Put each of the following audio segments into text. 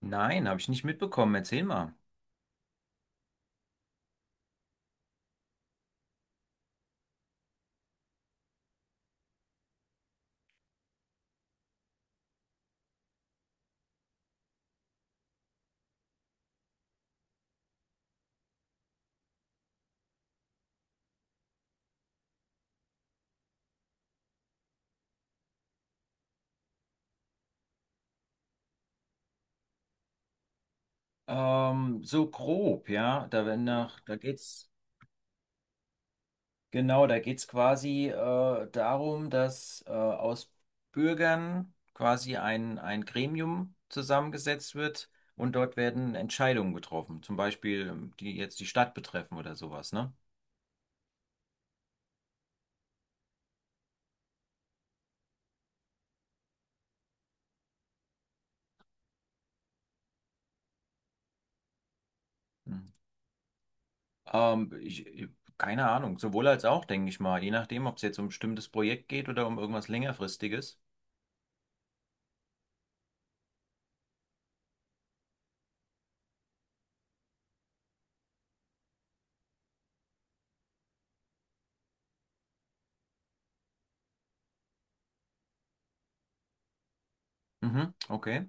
Nein, habe ich nicht mitbekommen. Erzähl mal. So grob, ja. Da wenn nach, da geht's, genau, da geht's quasi darum, dass aus Bürgern quasi ein Gremium zusammengesetzt wird und dort werden Entscheidungen getroffen. Zum Beispiel, die jetzt die Stadt betreffen oder sowas, ne? Mhm. Ähm, ich, ich- Keine Ahnung, sowohl als auch, denke ich mal, je nachdem, ob es jetzt um ein bestimmtes Projekt geht oder um irgendwas längerfristiges. Mhm, okay.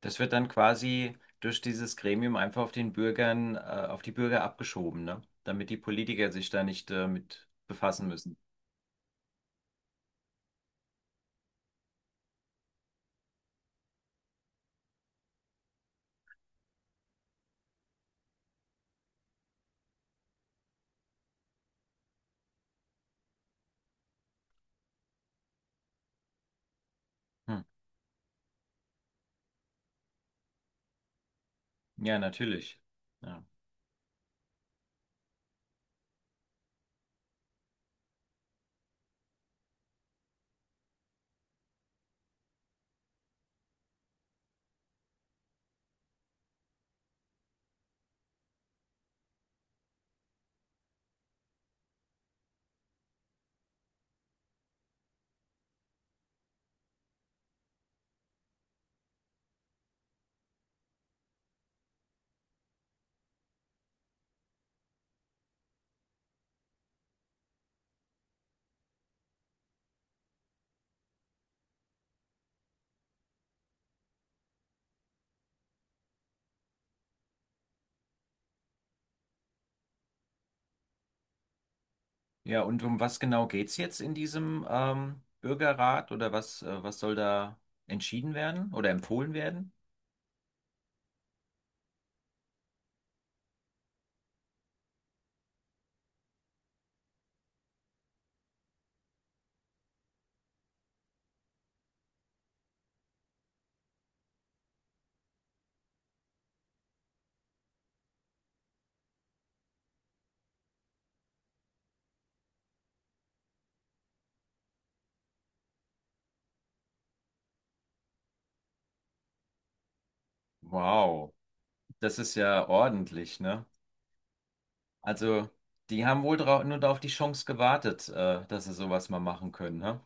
Das wird dann quasi durch dieses Gremium einfach auf den Bürger abgeschoben, ne? Damit die Politiker sich da nicht, mit befassen müssen. Hm. Ja, natürlich. Ja. Ja, und um was genau geht's jetzt in diesem, Bürgerrat oder was, was soll da entschieden werden oder empfohlen werden? Wow, das ist ja ordentlich, ne? Also, die haben wohl nur auf die Chance gewartet, dass sie sowas mal machen können, ne?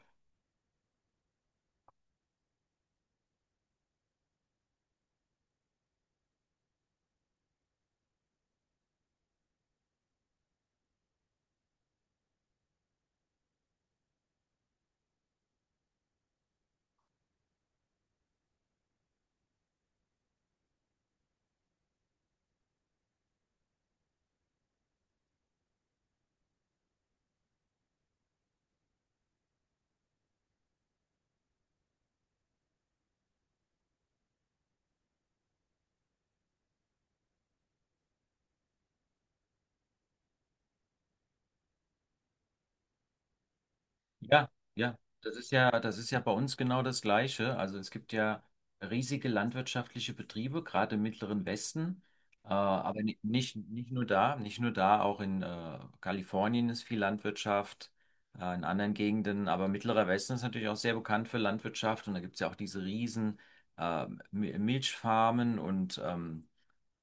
Ja, ja, das ist ja bei uns genau das Gleiche. Also es gibt ja riesige landwirtschaftliche Betriebe, gerade im Mittleren Westen, aber nicht nur da, auch in Kalifornien ist viel Landwirtschaft, in anderen Gegenden, aber Mittlerer Westen ist natürlich auch sehr bekannt für Landwirtschaft und da gibt es ja auch diese riesen äh, Milchfarmen und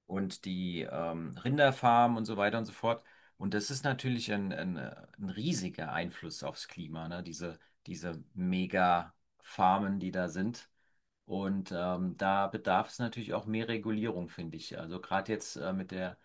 und die Rinderfarmen und so weiter und so fort. Und das ist natürlich ein riesiger Einfluss aufs Klima, ne? Diese Mega-Farmen, die da sind. Und da bedarf es natürlich auch mehr Regulierung, finde ich. Also gerade jetzt mit der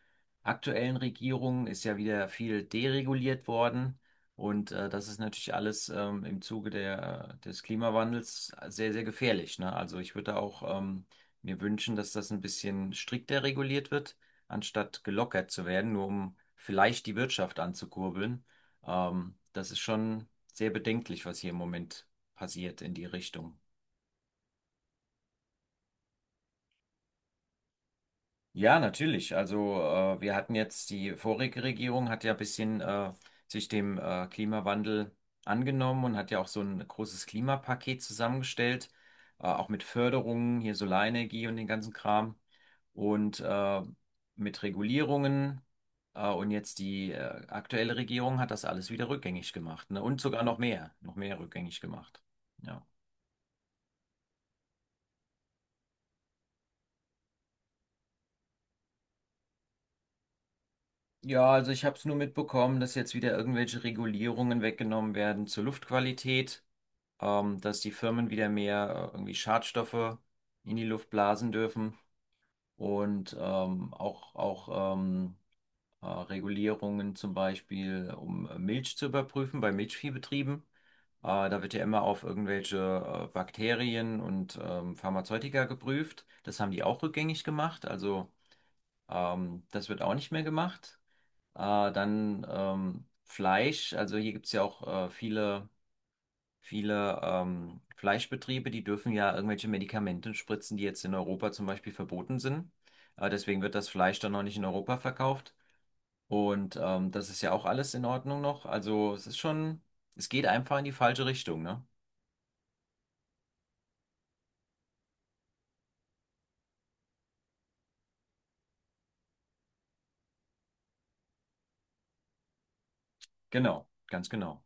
aktuellen Regierung ist ja wieder viel dereguliert worden. Und das ist natürlich alles im Zuge des Klimawandels sehr gefährlich, ne? Also ich würde da auch mir wünschen, dass das ein bisschen strikter reguliert wird, anstatt gelockert zu werden, nur um vielleicht die Wirtschaft anzukurbeln. Das ist schon sehr bedenklich, was hier im Moment passiert in die Richtung. Ja, natürlich. Also wir hatten jetzt, die vorige Regierung hat ja ein bisschen sich dem Klimawandel angenommen und hat ja auch so ein großes Klimapaket zusammengestellt, auch mit Förderungen, hier Solarenergie und den ganzen Kram und mit Regulierungen. Und jetzt die aktuelle Regierung hat das alles wieder rückgängig gemacht, ne? Und sogar noch mehr rückgängig gemacht. Ja. Ja, also ich habe es nur mitbekommen, dass jetzt wieder irgendwelche Regulierungen weggenommen werden zur Luftqualität, dass die Firmen wieder mehr irgendwie Schadstoffe in die Luft blasen dürfen und auch Regulierungen zum Beispiel, um Milch zu überprüfen bei Milchviehbetrieben. Da wird ja immer auf irgendwelche Bakterien und Pharmazeutika geprüft. Das haben die auch rückgängig gemacht, also das wird auch nicht mehr gemacht. Dann Fleisch, also hier gibt es ja auch viele Fleischbetriebe, die dürfen ja irgendwelche Medikamente spritzen, die jetzt in Europa zum Beispiel verboten sind. Deswegen wird das Fleisch dann noch nicht in Europa verkauft. Und das ist ja auch alles in Ordnung noch. Also es ist schon, es geht einfach in die falsche Richtung, ne? Genau, ganz genau.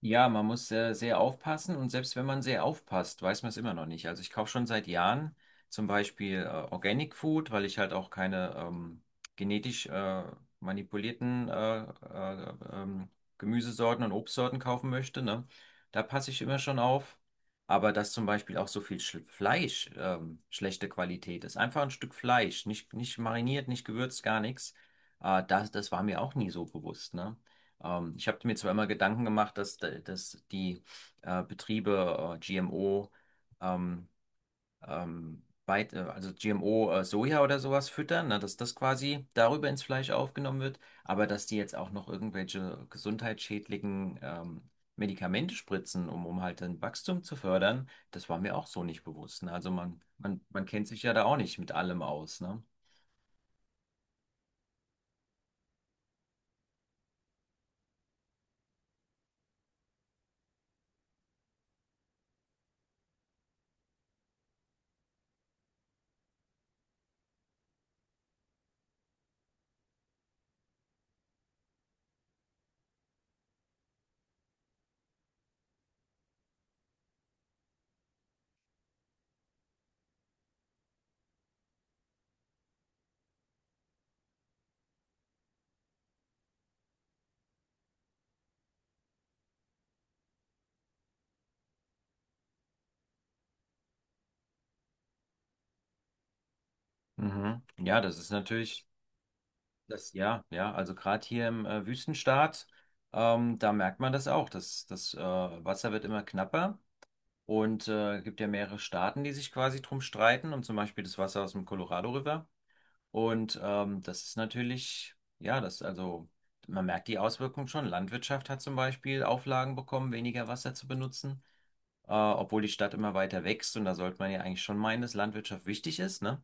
Ja, man muss sehr aufpassen und selbst wenn man sehr aufpasst, weiß man es immer noch nicht. Also ich kaufe schon seit Jahren zum Beispiel Organic Food, weil ich halt auch keine genetisch manipulierten Gemüsesorten und Obstsorten kaufen möchte, ne? Da passe ich immer schon auf. Aber dass zum Beispiel auch so viel Sch Fleisch schlechte Qualität ist, einfach ein Stück Fleisch, nicht mariniert, nicht gewürzt, gar nichts, das war mir auch nie so bewusst, ne? Ich habe mir zweimal Gedanken gemacht, dass die Betriebe GMO, ähm, also GMO Soja oder sowas füttern, ne, dass das quasi darüber ins Fleisch aufgenommen wird, aber dass die jetzt auch noch irgendwelche gesundheitsschädlichen Medikamente spritzen, um halt ein Wachstum zu fördern, das war mir auch so nicht bewusst. Ne? Also man kennt sich ja da auch nicht mit allem aus. Ne? Mhm. Ja, das ist natürlich. Ja, ja, also gerade hier im Wüstenstaat, da merkt man das auch. Das Wasser wird immer knapper und gibt ja mehrere Staaten, die sich quasi drum streiten, um zum Beispiel das Wasser aus dem Colorado River. Und das ist natürlich, also man merkt die Auswirkungen schon. Landwirtschaft hat zum Beispiel Auflagen bekommen, weniger Wasser zu benutzen, obwohl die Stadt immer weiter wächst. Und da sollte man ja eigentlich schon meinen, dass Landwirtschaft wichtig ist, ne?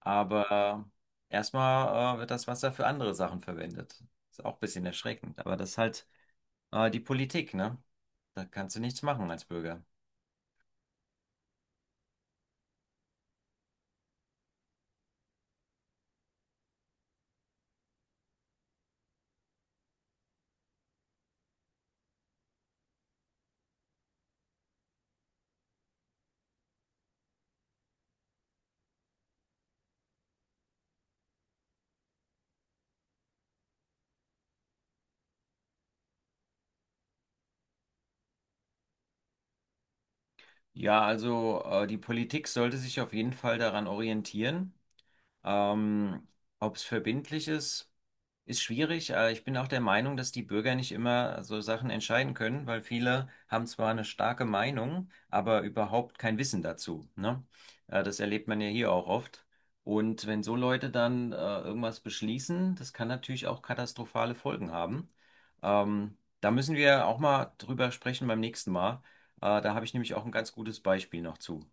Aber erstmal wird das Wasser für andere Sachen verwendet. Ist auch ein bisschen erschreckend, aber das ist halt die Politik, ne? Da kannst du nichts machen als Bürger. Ja, also die Politik sollte sich auf jeden Fall daran orientieren. Ähm, ob es verbindlich ist, ist schwierig. Ich bin auch der Meinung, dass die Bürger nicht immer so Sachen entscheiden können, weil viele haben zwar eine starke Meinung, aber überhaupt kein Wissen dazu, ne? Das erlebt man ja hier auch oft. Und wenn so Leute dann irgendwas beschließen, das kann natürlich auch katastrophale Folgen haben. Ähm, da müssen wir auch mal drüber sprechen beim nächsten Mal. Da habe ich nämlich auch ein ganz gutes Beispiel noch zu.